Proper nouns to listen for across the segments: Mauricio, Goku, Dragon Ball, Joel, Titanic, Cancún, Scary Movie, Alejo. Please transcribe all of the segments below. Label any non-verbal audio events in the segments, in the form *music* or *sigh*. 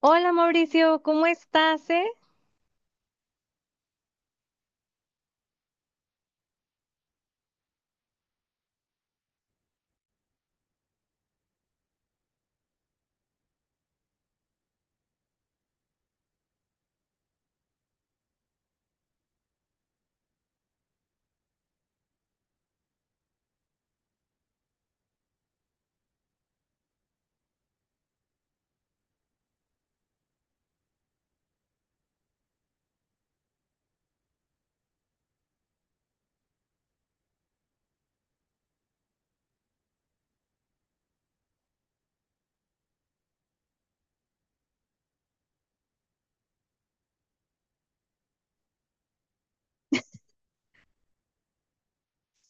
Hola Mauricio, ¿cómo estás, eh?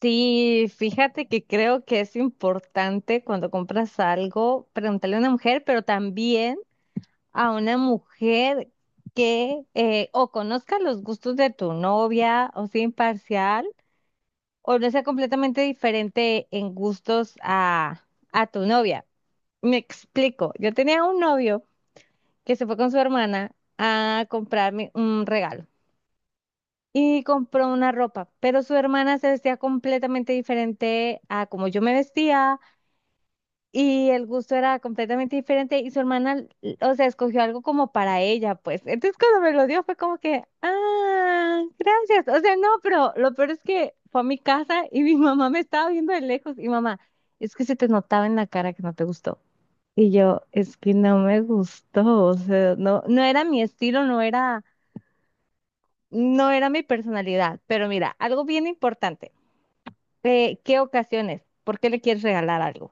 Sí, fíjate que creo que es importante cuando compras algo preguntarle a una mujer, pero también a una mujer que o conozca los gustos de tu novia o sea imparcial o no sea completamente diferente en gustos a tu novia. Me explico, yo tenía un novio que se fue con su hermana a comprarme un regalo. Y compró una ropa, pero su hermana se vestía completamente diferente a como yo me vestía y el gusto era completamente diferente y su hermana, o sea, escogió algo como para ella, pues. Entonces cuando me lo dio fue como que, ah, gracias. O sea, no, pero lo peor es que fue a mi casa y mi *laughs* mamá me estaba viendo de lejos y mamá, es que se te notaba en la cara que no te gustó. Y yo, es que no me gustó, o sea, no, no era mi estilo, no era mi personalidad, pero mira, algo bien importante. ¿Qué ocasiones? ¿Por qué le quieres regalar algo?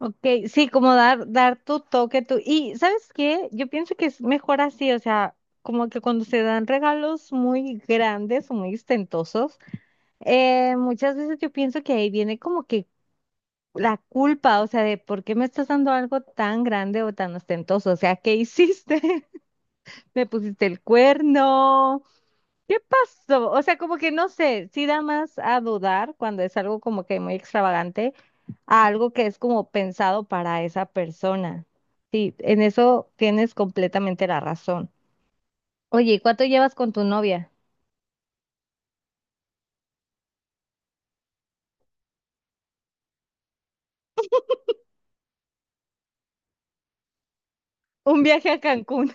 Ok, sí, como dar tu toque, tu... Y ¿sabes qué? Yo pienso que es mejor así, o sea, como que cuando se dan regalos muy grandes o muy ostentosos, muchas veces yo pienso que ahí viene como que la culpa, o sea, de por qué me estás dando algo tan grande o tan ostentoso, o sea, ¿qué hiciste? *laughs* ¿Me pusiste el cuerno? ¿Qué pasó? O sea, como que no sé, sí da más a dudar cuando es algo como que muy extravagante a algo que es como pensado para esa persona. Sí, en eso tienes completamente la razón. Oye, ¿y cuánto llevas con tu novia? Un viaje a Cancún.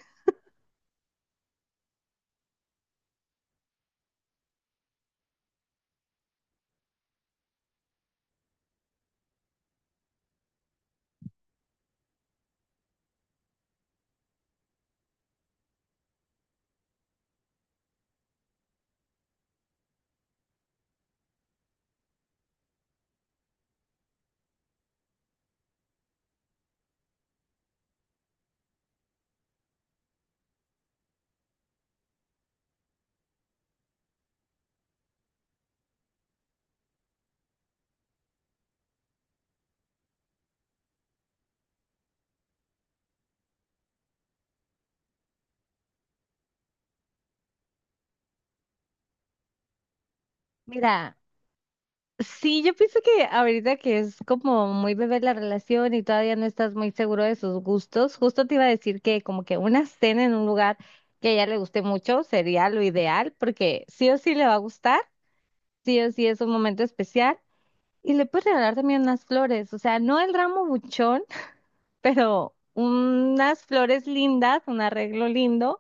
*laughs* Mira, sí, yo pienso que ahorita que es como muy bebé la relación y todavía no estás muy seguro de sus gustos, justo te iba a decir que como que una cena en un lugar que a ella le guste mucho sería lo ideal, porque sí o sí le va a gustar. Sí o sí es un momento especial. Y le puedes regalar también unas flores, o sea, no el ramo buchón, *laughs* pero unas flores lindas, un arreglo lindo,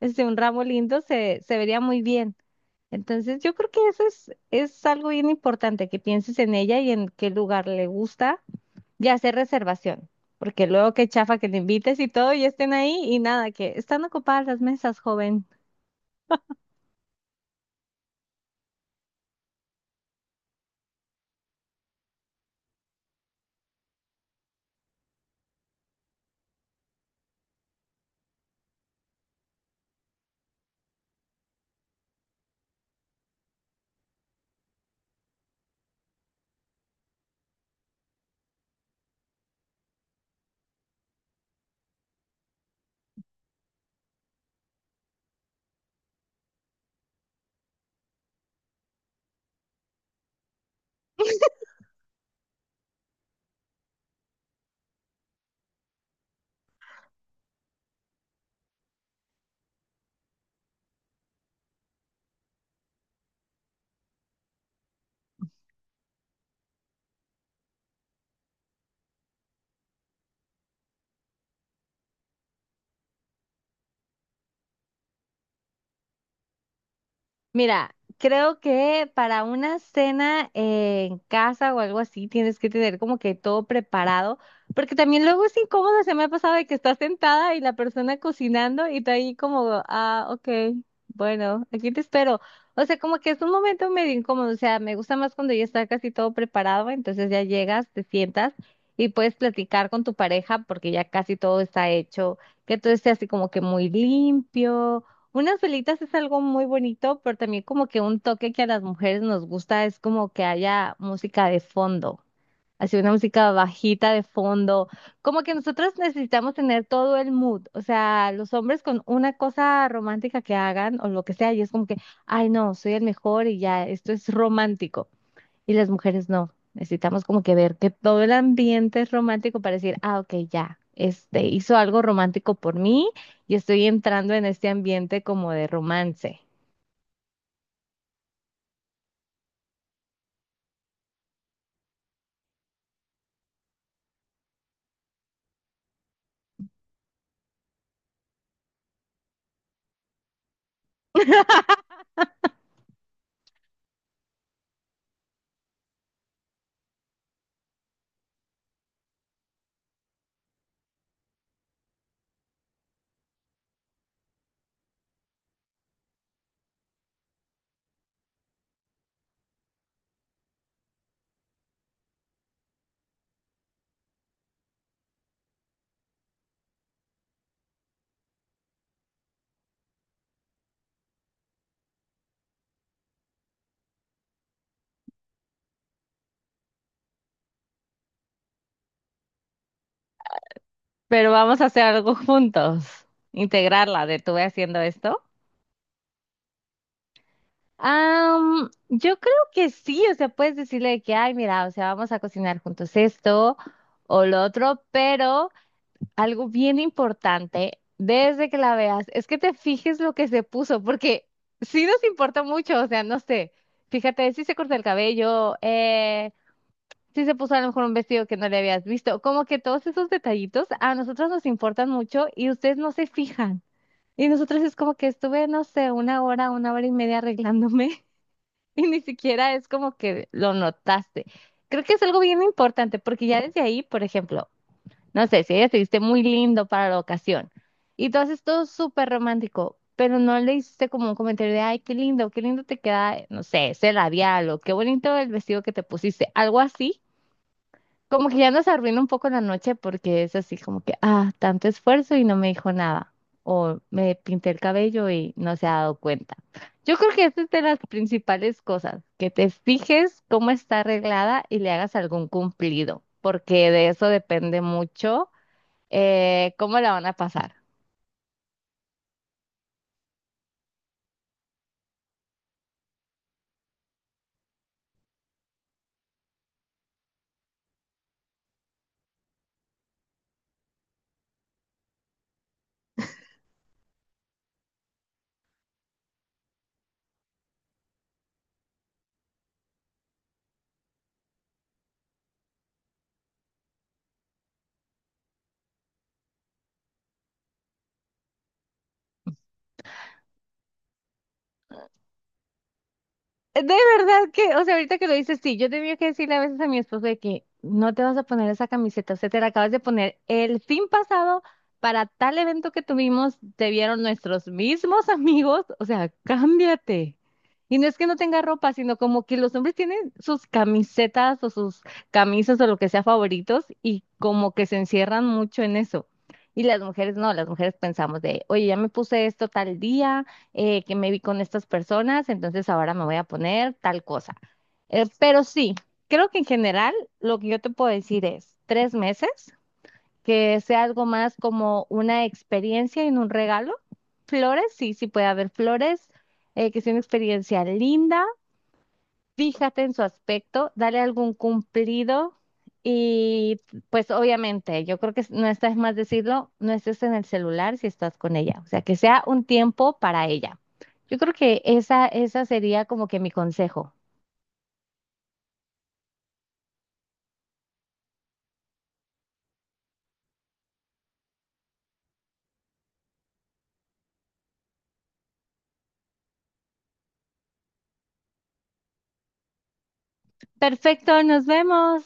este, un ramo lindo se vería muy bien. Entonces, yo creo que eso es algo bien importante, que pienses en ella y en qué lugar le gusta y hacer reservación, porque luego qué chafa que te invites y todo y estén ahí y nada, que están ocupadas las mesas, joven. Mira, creo que para una cena en casa o algo así tienes que tener como que todo preparado, porque también luego es incómodo, se me ha pasado de que estás sentada y la persona cocinando y tú ahí como, ah, ok, bueno, aquí te espero. O sea, como que es un momento medio incómodo, o sea, me gusta más cuando ya está casi todo preparado, entonces ya llegas, te sientas y puedes platicar con tu pareja porque ya casi todo está hecho, que todo esté así como que muy limpio. Unas velitas es algo muy bonito, pero también como que un toque que a las mujeres nos gusta es como que haya música de fondo, así una música bajita de fondo, como que nosotros necesitamos tener todo el mood, o sea, los hombres con una cosa romántica que hagan o lo que sea, y es como que, ay no, soy el mejor y ya, esto es romántico. Y las mujeres no. Necesitamos como que ver que todo el ambiente es romántico para decir, ah, ok, ya, este hizo algo romántico por mí y estoy entrando en este ambiente como de romance. Pero vamos a hacer algo *laughs* juntos. Integrarla de tuve haciendo esto. Yo creo que sí, o sea, puedes decirle de que, ay, mira, o sea, vamos a cocinar juntos esto o lo otro, pero algo bien importante desde que la veas es que te fijes lo que se puso, porque sí nos importa mucho, o sea, no sé, fíjate, si se cortó el cabello, si se puso a lo mejor un vestido que no le habías visto, como que todos esos detallitos a nosotros nos importan mucho y ustedes no se fijan. Y nosotros es como que estuve, no sé, una hora y media arreglándome *laughs* y ni siquiera es como que lo notaste. Creo que es algo bien importante, porque ya desde ahí, por ejemplo, no sé, si ella te viste muy lindo para la ocasión y tú haces todo súper romántico, pero no le hiciste como un comentario de, ay, qué lindo te queda, no sé, ese labial o qué bonito el vestido que te pusiste, algo así. Como que ya nos arruina un poco la noche porque es así como que, ah, tanto esfuerzo y no me dijo nada. O me pinté el cabello y no se ha dado cuenta. Yo creo que esa es de las principales cosas, que te fijes cómo está arreglada y le hagas algún cumplido, porque de eso depende mucho. ¿Cómo la van a pasar? De verdad que, o sea, ahorita que lo dices, sí, yo tenía que decirle a veces a mi esposo de que no te vas a poner esa camiseta, o sea, te la acabas de poner el fin pasado para tal evento que tuvimos, te vieron nuestros mismos *laughs* amigos, o sea, cámbiate. Y no es que no tenga ropa, sino como que los hombres tienen sus camisetas o sus camisas o lo que sea favoritos y como que se encierran mucho en eso. Y las mujeres no, las mujeres pensamos de, oye, ya me puse esto tal día. Que me vi con estas personas, entonces ahora me voy a poner tal cosa. Pero sí, creo que en general lo que yo te puedo decir es 3 meses, que sea algo más como una experiencia en un regalo. Flores, sí, sí puede haber flores, que sea una experiencia linda. Fíjate en su aspecto, dale algún cumplido y pues obviamente, yo creo que no está de más decirlo, no estés en el celular si estás con ella, o sea, que sea un tiempo para ella. Yo creo que esa sería como que mi consejo. Perfecto, nos vemos.